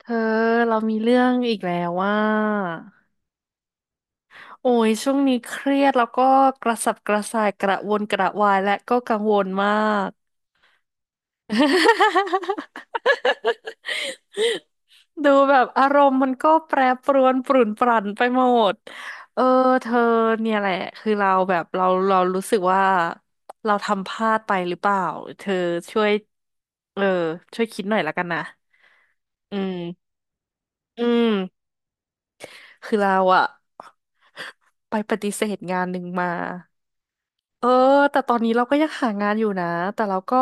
เธอเรามีเรื่องอีกแล้วว่าโอ้ยช่วงนี้เครียดแล้วก็กระสับกระส่ายกระวนกระวายและก็กังวลมาก ดูแบบอารมณ์มันก็แปรปรวนปรุ่นปรั่นไปหมดเออเธอเนี่ยแหละคือเราแบบเรารู้สึกว่าเราทำพลาดไปหรือเปล่าเธอช่วยเออช่วยคิดหน่อยละกันนะอืมอืมคือเราอะ ไปปฏิเสธงานหนึ่งมา เออแต่ตอนนี้เราก็ยังหางานอยู่นะแต่เราก็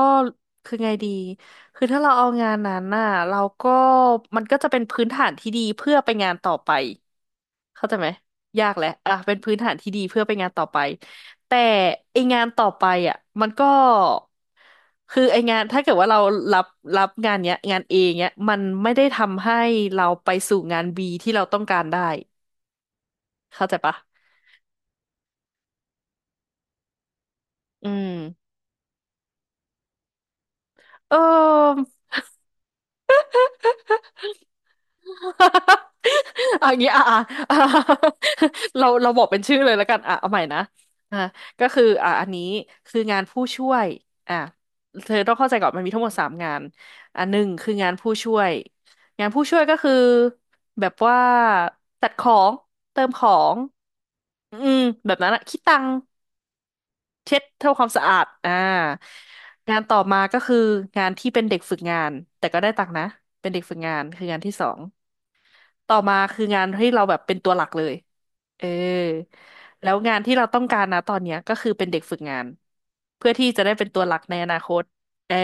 คือไงดีคือถ้าเราเอางานนั้นน่ะเราก็มันก็จะเป็นพื้นฐานที่ดีเพื่อไปงานต่อไปเข้าใจไหมยากแหละอ่ะเป็นพื้นฐานที่ดีเพื่อไปงานต่อไปแต่ไองานต่อไปอ่ะมันก็คือไองานถ้าเกิดว่าเรารับรับงานเนี้ยงานเอเนี้ยมันไม่ได้ทำให้เราไปสู่งาน B ที่เราต้องการได้เข้าใจปะอืมเออ อะอย่างงี้อ่ะอ่ะ อ่ะ เราบอกเป็นชื่อเลยแล้วกันอ่ะเอาใหม่นะอ่ะก็คืออ่ะอันนี้คืองานผู้ช่วยอ่ะเธอต้องเข้าใจก่อนมันมีทั้งหมดสามงานอ่ะหนึ่งคืองานผู้ช่วยงานผู้ช่วยก็คือแบบว่าจัดของเติมของอืมแบบนั้นอะคิดตังค์เช็ดทำความสะอาดอ่างานต่อมาก็คืองานที่เป็นเด็กฝึกงานแต่ก็ได้ตังค์นะเป็นเด็กฝึกงานคืองานที่สอง ต่อมาคืองานที่เราแบบเป็นตัวหลักเลยเออแล้วงานที่เราต้องการนะตอนเนี้ยก็คือเป็นเด็กฝึกงานเพื่อที่จะได้เป็นตัวหลักในอนาคตเออ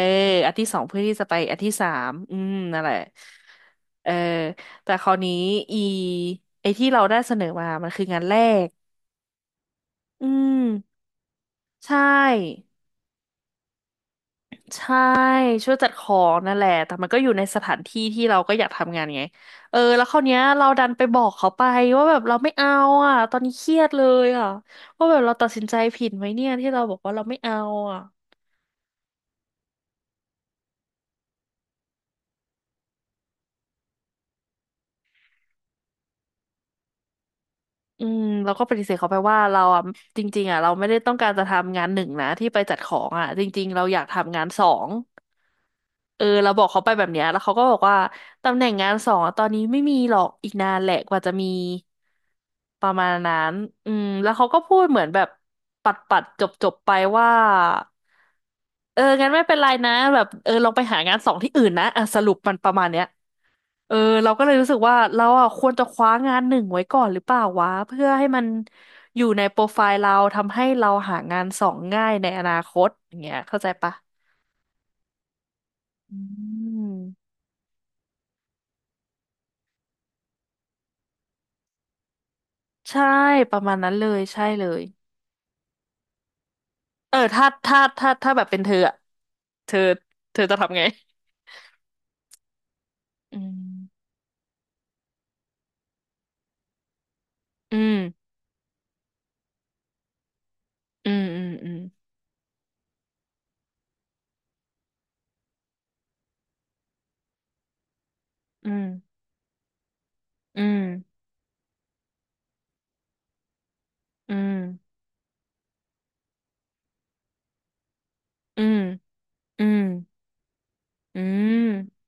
อันที่สองเพื่อที่จะไปอันที่สามอืมนั่นแหละเออแต่คราวนี้อีไอที่เราได้เสนอมามันคืองานแรกอืมใช่ ใช่ช่วยจัดของนั่นแหละแต่มันก็อยู่ในสถานที่ที่เราก็อยากทำงานไงเออแล้วคราวเนี้ยเราดันไปบอกเขาไปว่าแบบเราไม่เอาอ่ะตอนนี้เครียดเลยอ่ะว่าแบบเราตัดสินใจผิดไหมเนี่ยที่เราบอกว่าเราไม่เอาอ่ะอืมเราก็ปฏิเสธเขาไปว่าเราอ่ะจริงๆอ่ะเราไม่ได้ต้องการจะทำงานหนึ่งนะที่ไปจัดของอ่ะจริงๆเราอยากทำงานสองเออเราบอกเขาไปแบบเนี้ยแล้วเขาก็บอกว่า ตำแหน่งงานสองอะตอนนี้ไม่มีหรอกอีกนานแหละกว่าจะมีประมาณนั้นอืมแล้วเขาก็พูดเหมือนแบบปัดจบไปว่าเอองั้นไม่เป็นไรนะแบบเออลองไปหางานสองที่อื่นนะอ่ะสรุปมันประมาณเนี้ยเออเราก็เลยรู้สึกว่าเราอ่ะควรจะคว้างานหนึ่งไว้ก่อนหรือเปล่าวะเพื่อให้มันอยู่ในโปรไฟล์เราทำให้เราหางานสองง่ายในอนาคตอย่างเงี้ยเข้าใจปะอืมใช่ประมาณนั้นเลยใช่เลย เออถ้าแบบเป็นเธออะเธอเธอจะทำไงอืมอืมอืมอืมอืมอืมอืมอืมอืมอืมอืม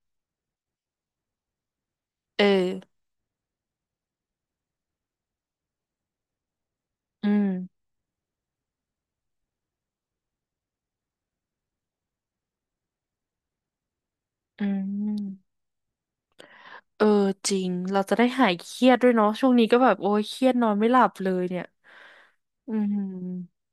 เอออืมอืมเออจริงเราจะได้หายเครียดด้วยเนาะช่วงนี้ก็แบบโอ้ยเครียดนอนไม่หลับเลยเนี่ยอืม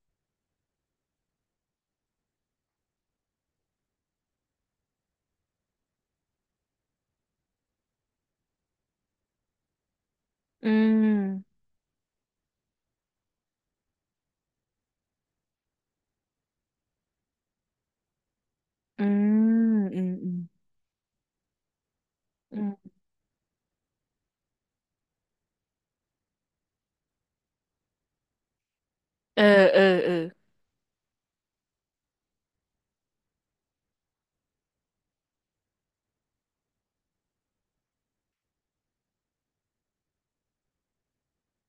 อืมอืมอืมอืมอืมเออเออเออ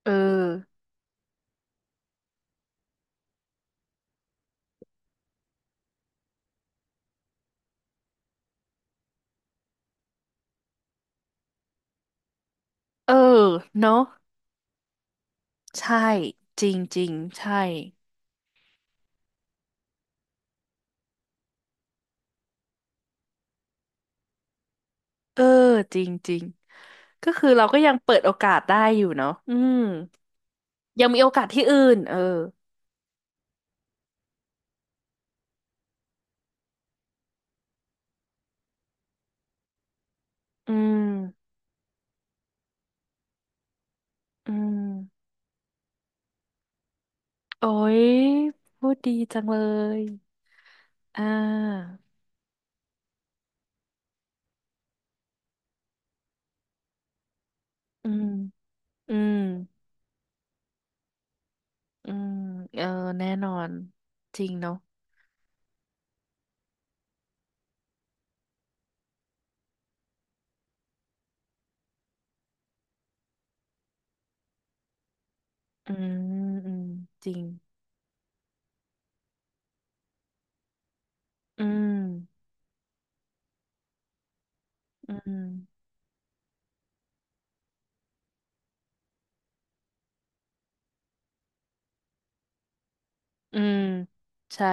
เออเออเนาะใช่จริงจริงใช่ เออจริงจริงก็คือเราก็ยังเปิดโอกาสได้อยู่เนาะอืมยังมีโอกาสที่อื่นเอออืมอืมโอ้ยพูดดีจังเลยอ่าอืมอืมอืมเออแน่นอนจริงเนาะอืมอืมจริงอืมอืมอืมใช่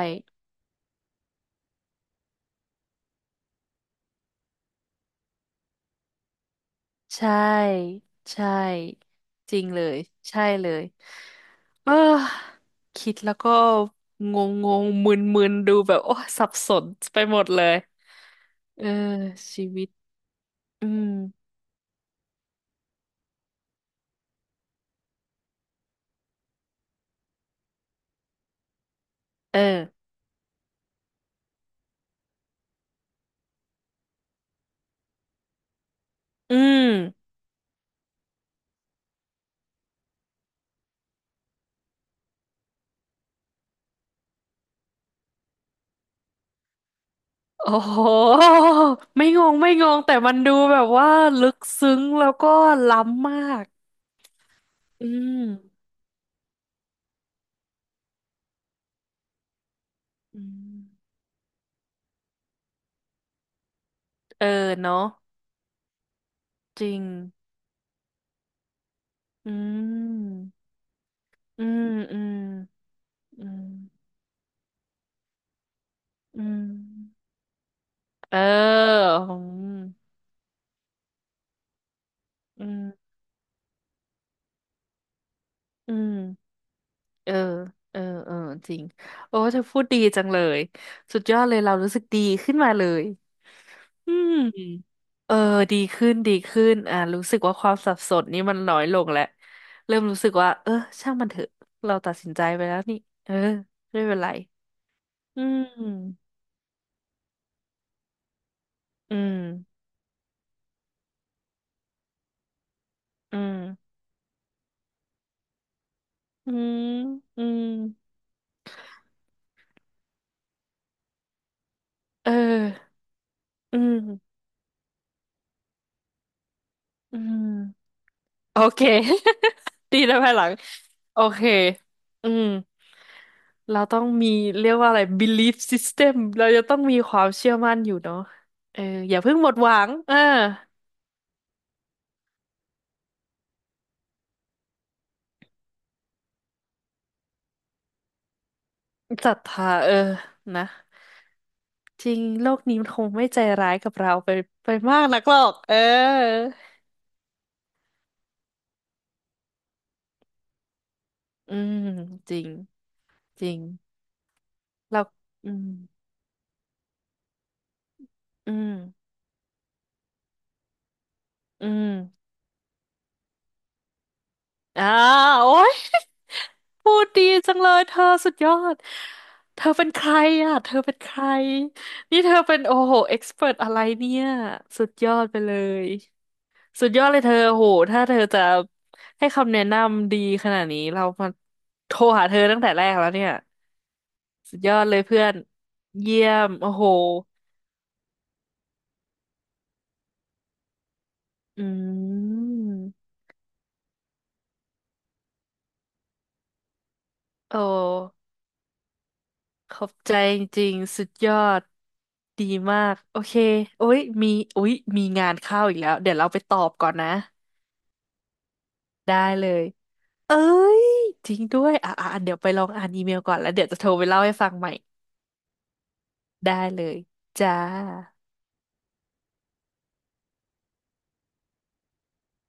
ใช่ใช่จริงเลยใช่เลย เออคิดแล้วก็งงงงมึนมึนๆดูแบบโอ้สับสนไปหมดเลยเออชีวิตอืมเอออืมโอ้โหไม่งงไม่งงแต่มันดูแบบว่าลึกซึ้งแล้วก็ล้ำมากอืมอืมเออเนาะจริงอืมอืมอืมอืมอืมเอออืมอืมอืม เออเออ เออ จริง โอ้เธอพูดดีจังเลย สุดยอดเลยเรารู้สึกดีขึ้นมาเลย อืมเออดีขึ้นดีขึ้นอ่ารู้สึกว่าความสับสนนี่มันน้อยลงแล้วเริ่มรู้สึกว่าเออช่างมันเถอะเราตัดสินใจไปแล้วนี่เออไม่เป็นไรอืมอืมอืมอืมอืมเอออืมอืมโอเค ดีแลภายหลังโอเคอืม เราต้องมีเรียกว่าอะไร belief system เราจะต้องมีความเชื่อมั่นอยู่เนาะเอออย่าเพิ่งหมดหวังเออศรัทธาเออนะจริงโลกนี้มันคงไม่ใจร้ายกับเราไปมากนักหรอกเอออืมจริงจริงเราอืมอืมอืม อ่าโอ๊ย พูดดีจังเลยเธอสุดยอดเธอเป็นใครอ่ะเธอเป็นใครนี่เธอเป็นโอ้โหเอ็กซ์เพรอะไรเนี่ยสุดยอดไปเลยสุดยอดเลยเธอโอ้โหถ้าเธอจะให้คำแนะนำดีขนาดนี้เรามาโทรหาเธอตั้งแต่แรกแล้วเนี่ยสุดยอดเลยเพื่อนเยี่ยมโอ้โหอืมโอ้ ขอบใจจริงๆสุดยอดดีมากโอเคโอ้ยมีงานเข้าอีกแล้วเดี๋ยวเราไปตอบก่อนนะได้เลยเอ้ยจริงด้วยอ่ะอ่ะเดี๋ยวไปลองอ่านอีเมลก่อนแล้วเดี๋ยวจะโทรไปเล่าให้ฟังใหม่ได้เลยจ้า